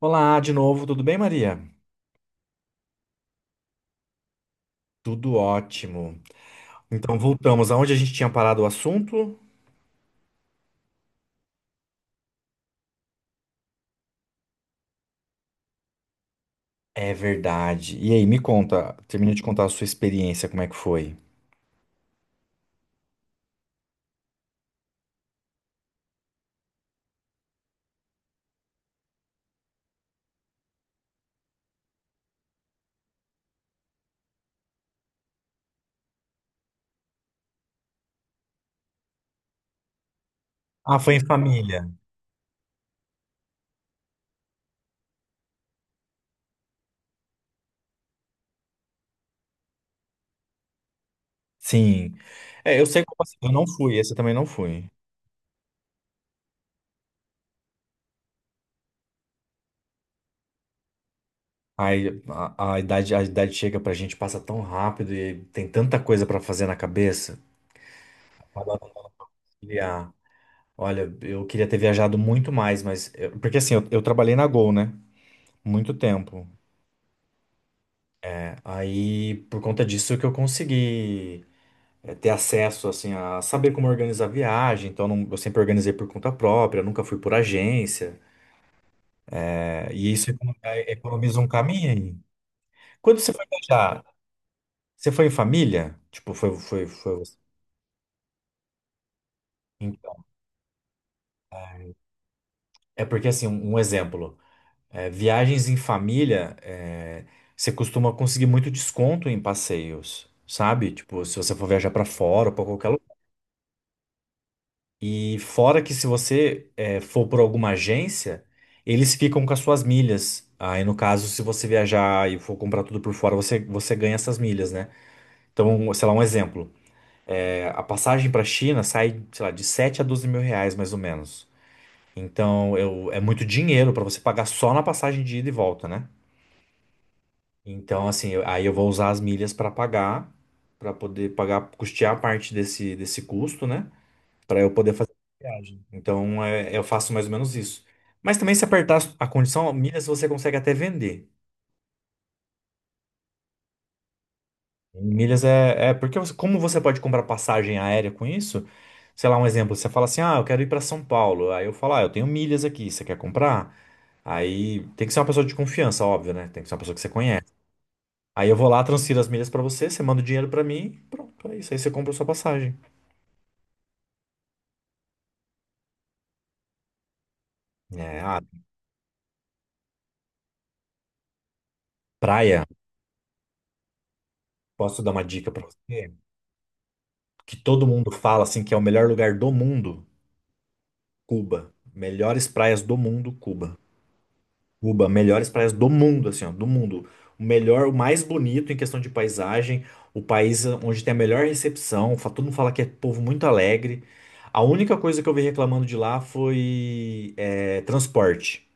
Olá de novo, tudo bem, Maria? Tudo ótimo. Então voltamos aonde a gente tinha parado o assunto? É verdade. E aí, me conta, termina de contar a sua experiência, como é que foi? Ah, foi em família. Sim. É, eu sei como assim, eu não fui, esse eu também não fui. Aí a idade chega pra gente, passa tão rápido e tem tanta coisa pra fazer na cabeça. Acaba não criar. Olha, eu queria ter viajado muito mais, mas porque assim, eu trabalhei na Gol, né? Muito tempo. É, aí, por conta disso que eu consegui, ter acesso, assim, a saber como organizar a viagem. Então, eu sempre organizei por conta própria, nunca fui por agência. É, e isso economiza um caminho aí. Quando você foi viajar, você foi em família? Tipo, foi você? Então, é porque, assim, um exemplo. Viagens em família, você costuma conseguir muito desconto em passeios, sabe? Tipo, se você for viajar para fora ou para qualquer. E fora que se você for por alguma agência, eles ficam com as suas milhas. Aí, no caso, se você viajar e for comprar tudo por fora, você ganha essas milhas, né? Então, sei lá, um exemplo. A passagem para a China sai, sei lá, de 7 a 12 mil reais, mais ou menos. Então, é muito dinheiro para você pagar só na passagem de ida e volta, né? Então, assim, aí eu vou usar as milhas para pagar, para poder pagar, custear parte desse, desse custo, né? Para eu poder fazer a viagem. Então, é, eu faço mais ou menos isso. Mas também, se apertar a condição, milhas você consegue até vender. Milhas é, é porque como você pode comprar passagem aérea com isso? Sei lá, um exemplo, você fala assim: "Ah, eu quero ir para São Paulo". Aí eu falo: "Ah, eu tenho milhas aqui, você quer comprar?". Aí tem que ser uma pessoa de confiança, óbvio, né? Tem que ser uma pessoa que você conhece. Aí eu vou lá, transfiro as milhas para você, você manda o dinheiro para mim, pronto, é isso. Aí você compra a sua passagem. É, ah, praia, posso dar uma dica para você? Que todo mundo fala assim que é o melhor lugar do mundo. Cuba. Melhores praias do mundo, Cuba. Cuba, melhores praias do mundo, assim, ó, do mundo. O melhor, o mais bonito em questão de paisagem, o país onde tem a melhor recepção, todo mundo fala que é povo muito alegre. A única coisa que eu vi reclamando de lá foi, transporte,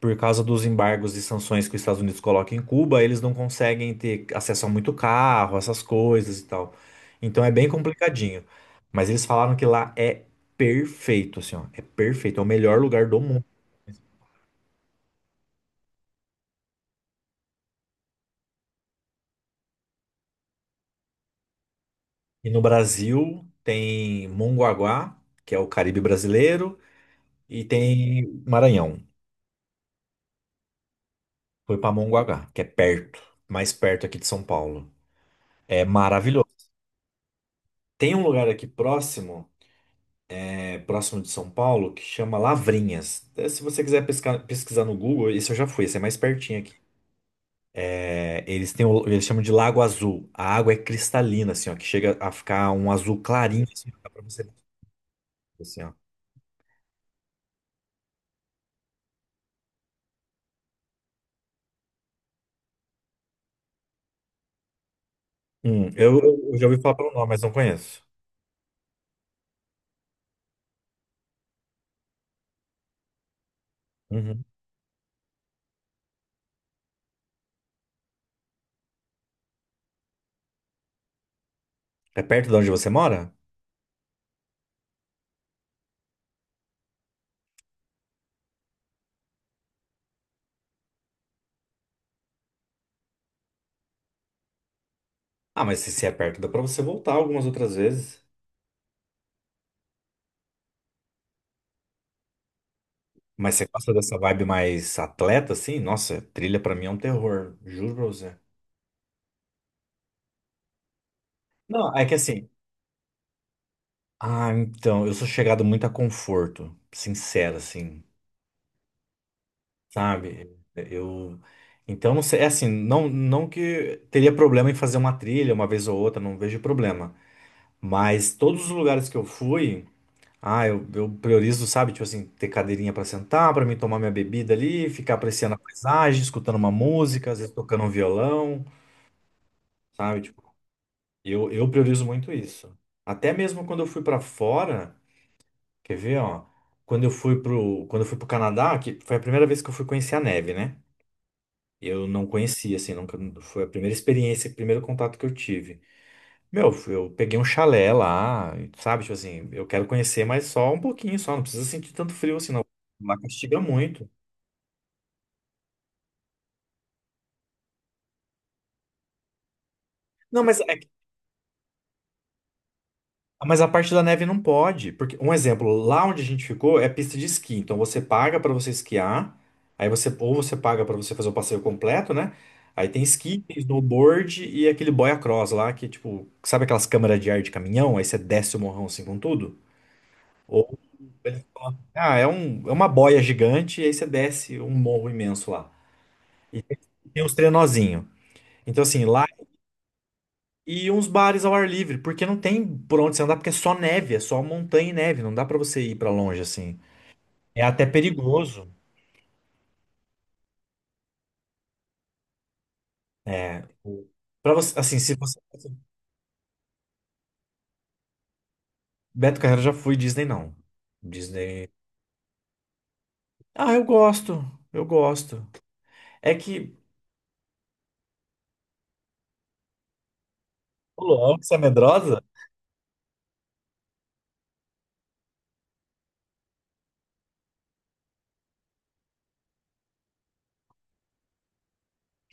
por causa dos embargos e sanções que os Estados Unidos colocam em Cuba, eles não conseguem ter acesso a muito carro, essas coisas e tal. Então é bem complicadinho. Mas eles falaram que lá é perfeito, assim, ó, é perfeito, é o melhor lugar do mundo. E no Brasil tem Mongaguá, que é o Caribe brasileiro, e tem Maranhão. Foi para Mongaguá, que é perto, mais perto aqui de São Paulo. É maravilhoso. Tem um lugar aqui próximo, próximo de São Paulo, que chama Lavrinhas. É, se você quiser pesquisar no Google, isso eu já fui, esse é mais pertinho aqui. É, eles chamam de Lago Azul. A água é cristalina, assim, ó, que chega a ficar um azul clarinho, assim, dá pra você assim, ó. Hum, eu, eu já ouvi falar pelo nome, mas não conheço. Uhum. É perto de onde você mora? Ah, mas se é perto, dá pra você voltar algumas outras vezes. Mas você gosta dessa vibe mais atleta, assim? Nossa, trilha pra mim é um terror, juro pra você. Não, é que assim, ah, então, eu sou chegado muito a conforto, sincero, assim, sabe? Então, não sei, é assim, não, não que teria problema em fazer uma trilha uma vez ou outra, não vejo problema. Mas todos os lugares que eu fui, ah, eu priorizo, sabe? Tipo assim, ter cadeirinha pra sentar, pra mim tomar minha bebida ali, ficar apreciando a paisagem, escutando uma música, às vezes tocando um violão, sabe? Tipo, eu priorizo muito isso. Até mesmo quando eu fui pra fora. Quer ver, ó? Quando eu fui pro Canadá, que foi a primeira vez que eu fui conhecer a neve, né? Eu não conhecia, assim, nunca, foi a primeira experiência, o primeiro contato que eu tive. Meu, eu peguei um chalé lá, sabe? Tipo assim, eu quero conhecer, mas só um pouquinho, só. Não precisa sentir tanto frio, assim, não. Lá castiga muito. Não, mas a parte da neve não pode, porque um exemplo, lá onde a gente ficou é pista de esqui, então você paga para você esquiar, aí você ou você paga para você fazer o passeio completo, né? Aí tem esqui, tem snowboard e aquele boia cross lá que tipo, sabe aquelas câmeras de ar de caminhão, aí você desce o morrão assim com tudo? Ou eles falam, ah, é um, é uma boia gigante e aí você desce um morro imenso lá. E tem os trenozinho. Então assim, lá. E uns bares ao ar livre, porque não tem por onde você andar, porque é só neve, é só montanha e neve, não dá pra você ir pra longe assim. É até perigoso. É, para você, assim, se você. Beto Carreiro já fui, Disney não. Disney. Ah, eu gosto. Eu gosto. É que. Ô, louco, você é medrosa?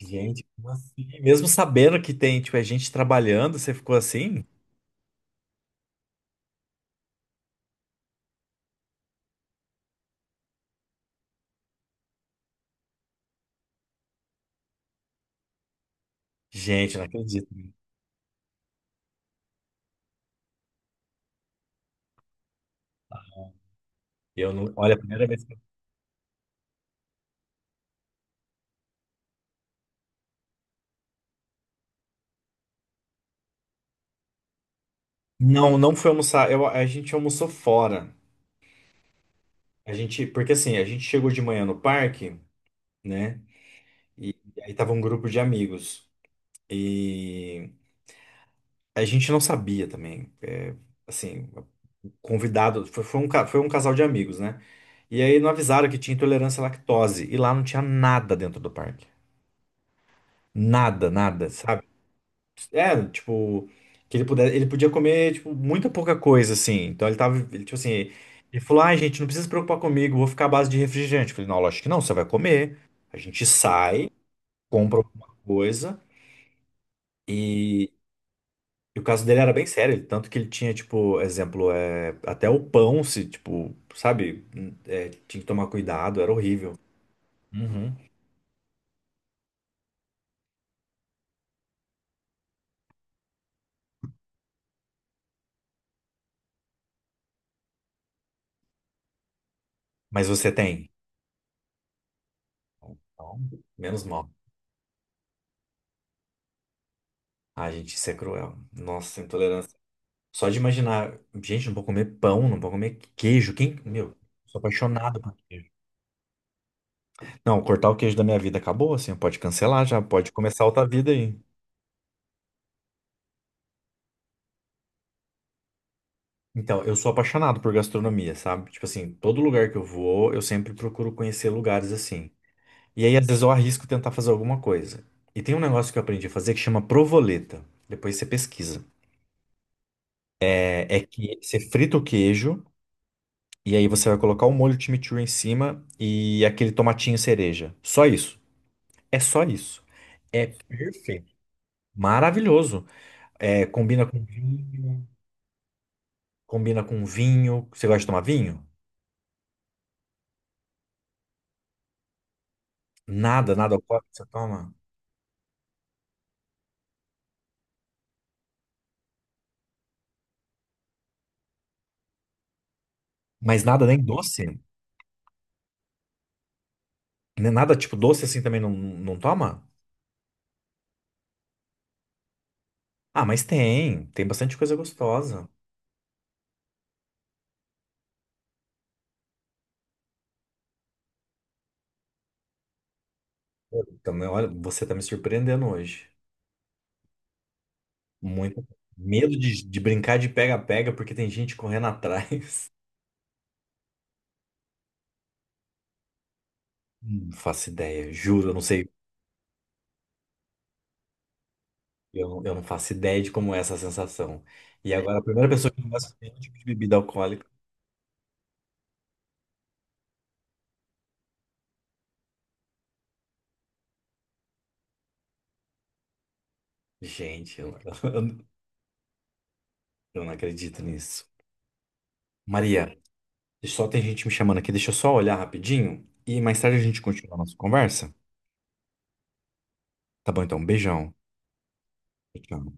Gente, como assim? Mesmo sabendo que tem, tipo, é gente trabalhando, você ficou assim? Gente, não acredito. Eu não, olha, a primeira vez que eu... Não, não foi almoçar. Eu, a gente almoçou fora. A gente, porque assim, a gente chegou de manhã no parque, né? E aí tava um grupo de amigos. E a gente não sabia também. Assim, o convidado, foi um casal de amigos, né? E aí não avisaram que tinha intolerância à lactose. E lá não tinha nada dentro do parque. Nada, nada. É, tipo, ele podia comer, tipo, muita pouca coisa, assim. Então ele tava, ele, tipo assim, ele falou, ai, gente, não precisa se preocupar comigo, vou ficar à base de refrigerante. Eu falei, não, lógico que não, você vai comer. A gente sai, compra alguma coisa e, e o caso dele era bem sério, tanto que ele tinha, tipo, exemplo, é, até o pão, se, tipo, sabe, tinha que tomar cuidado, era horrível. Uhum. Mas você tem? Então, menos mal. A gente, isso é cruel. Nossa, intolerância. Só de imaginar, gente, não vou comer pão, não vou comer queijo. Quem, meu, sou apaixonado por queijo. Não, cortar o queijo da minha vida acabou, assim, pode cancelar já, pode começar outra vida aí. Então, eu sou apaixonado por gastronomia, sabe? Tipo assim, todo lugar que eu vou, eu sempre procuro conhecer lugares assim. E aí, às vezes, eu arrisco tentar fazer alguma coisa. E tem um negócio que eu aprendi a fazer que chama provoleta. Depois você pesquisa. É que você frita o queijo e aí você vai colocar o molho chimichurri em cima e aquele tomatinho cereja. Só isso. É só isso. É perfeito. Maravilhoso. É, combina com vinho, combina com vinho. Você gosta de tomar vinho? Nada, nada alcoólico você toma? Mas nada nem doce? Nem nada tipo doce assim também não, não toma? Ah, mas tem. Tem bastante coisa gostosa. Pô, também, olha, você tá me surpreendendo hoje. Muito. Medo de brincar de pega-pega porque tem gente correndo atrás. Não faço ideia, juro, eu não sei. Eu não faço ideia de como é essa sensação. E agora, a primeira pessoa que não gosta de nenhum tipo de bebida alcoólica. Gente, eu, eu não acredito nisso. Maria, só tem gente me chamando aqui. Deixa eu só olhar rapidinho e mais tarde a gente continua a nossa conversa. Tá bom, então. Um beijão. Tchau.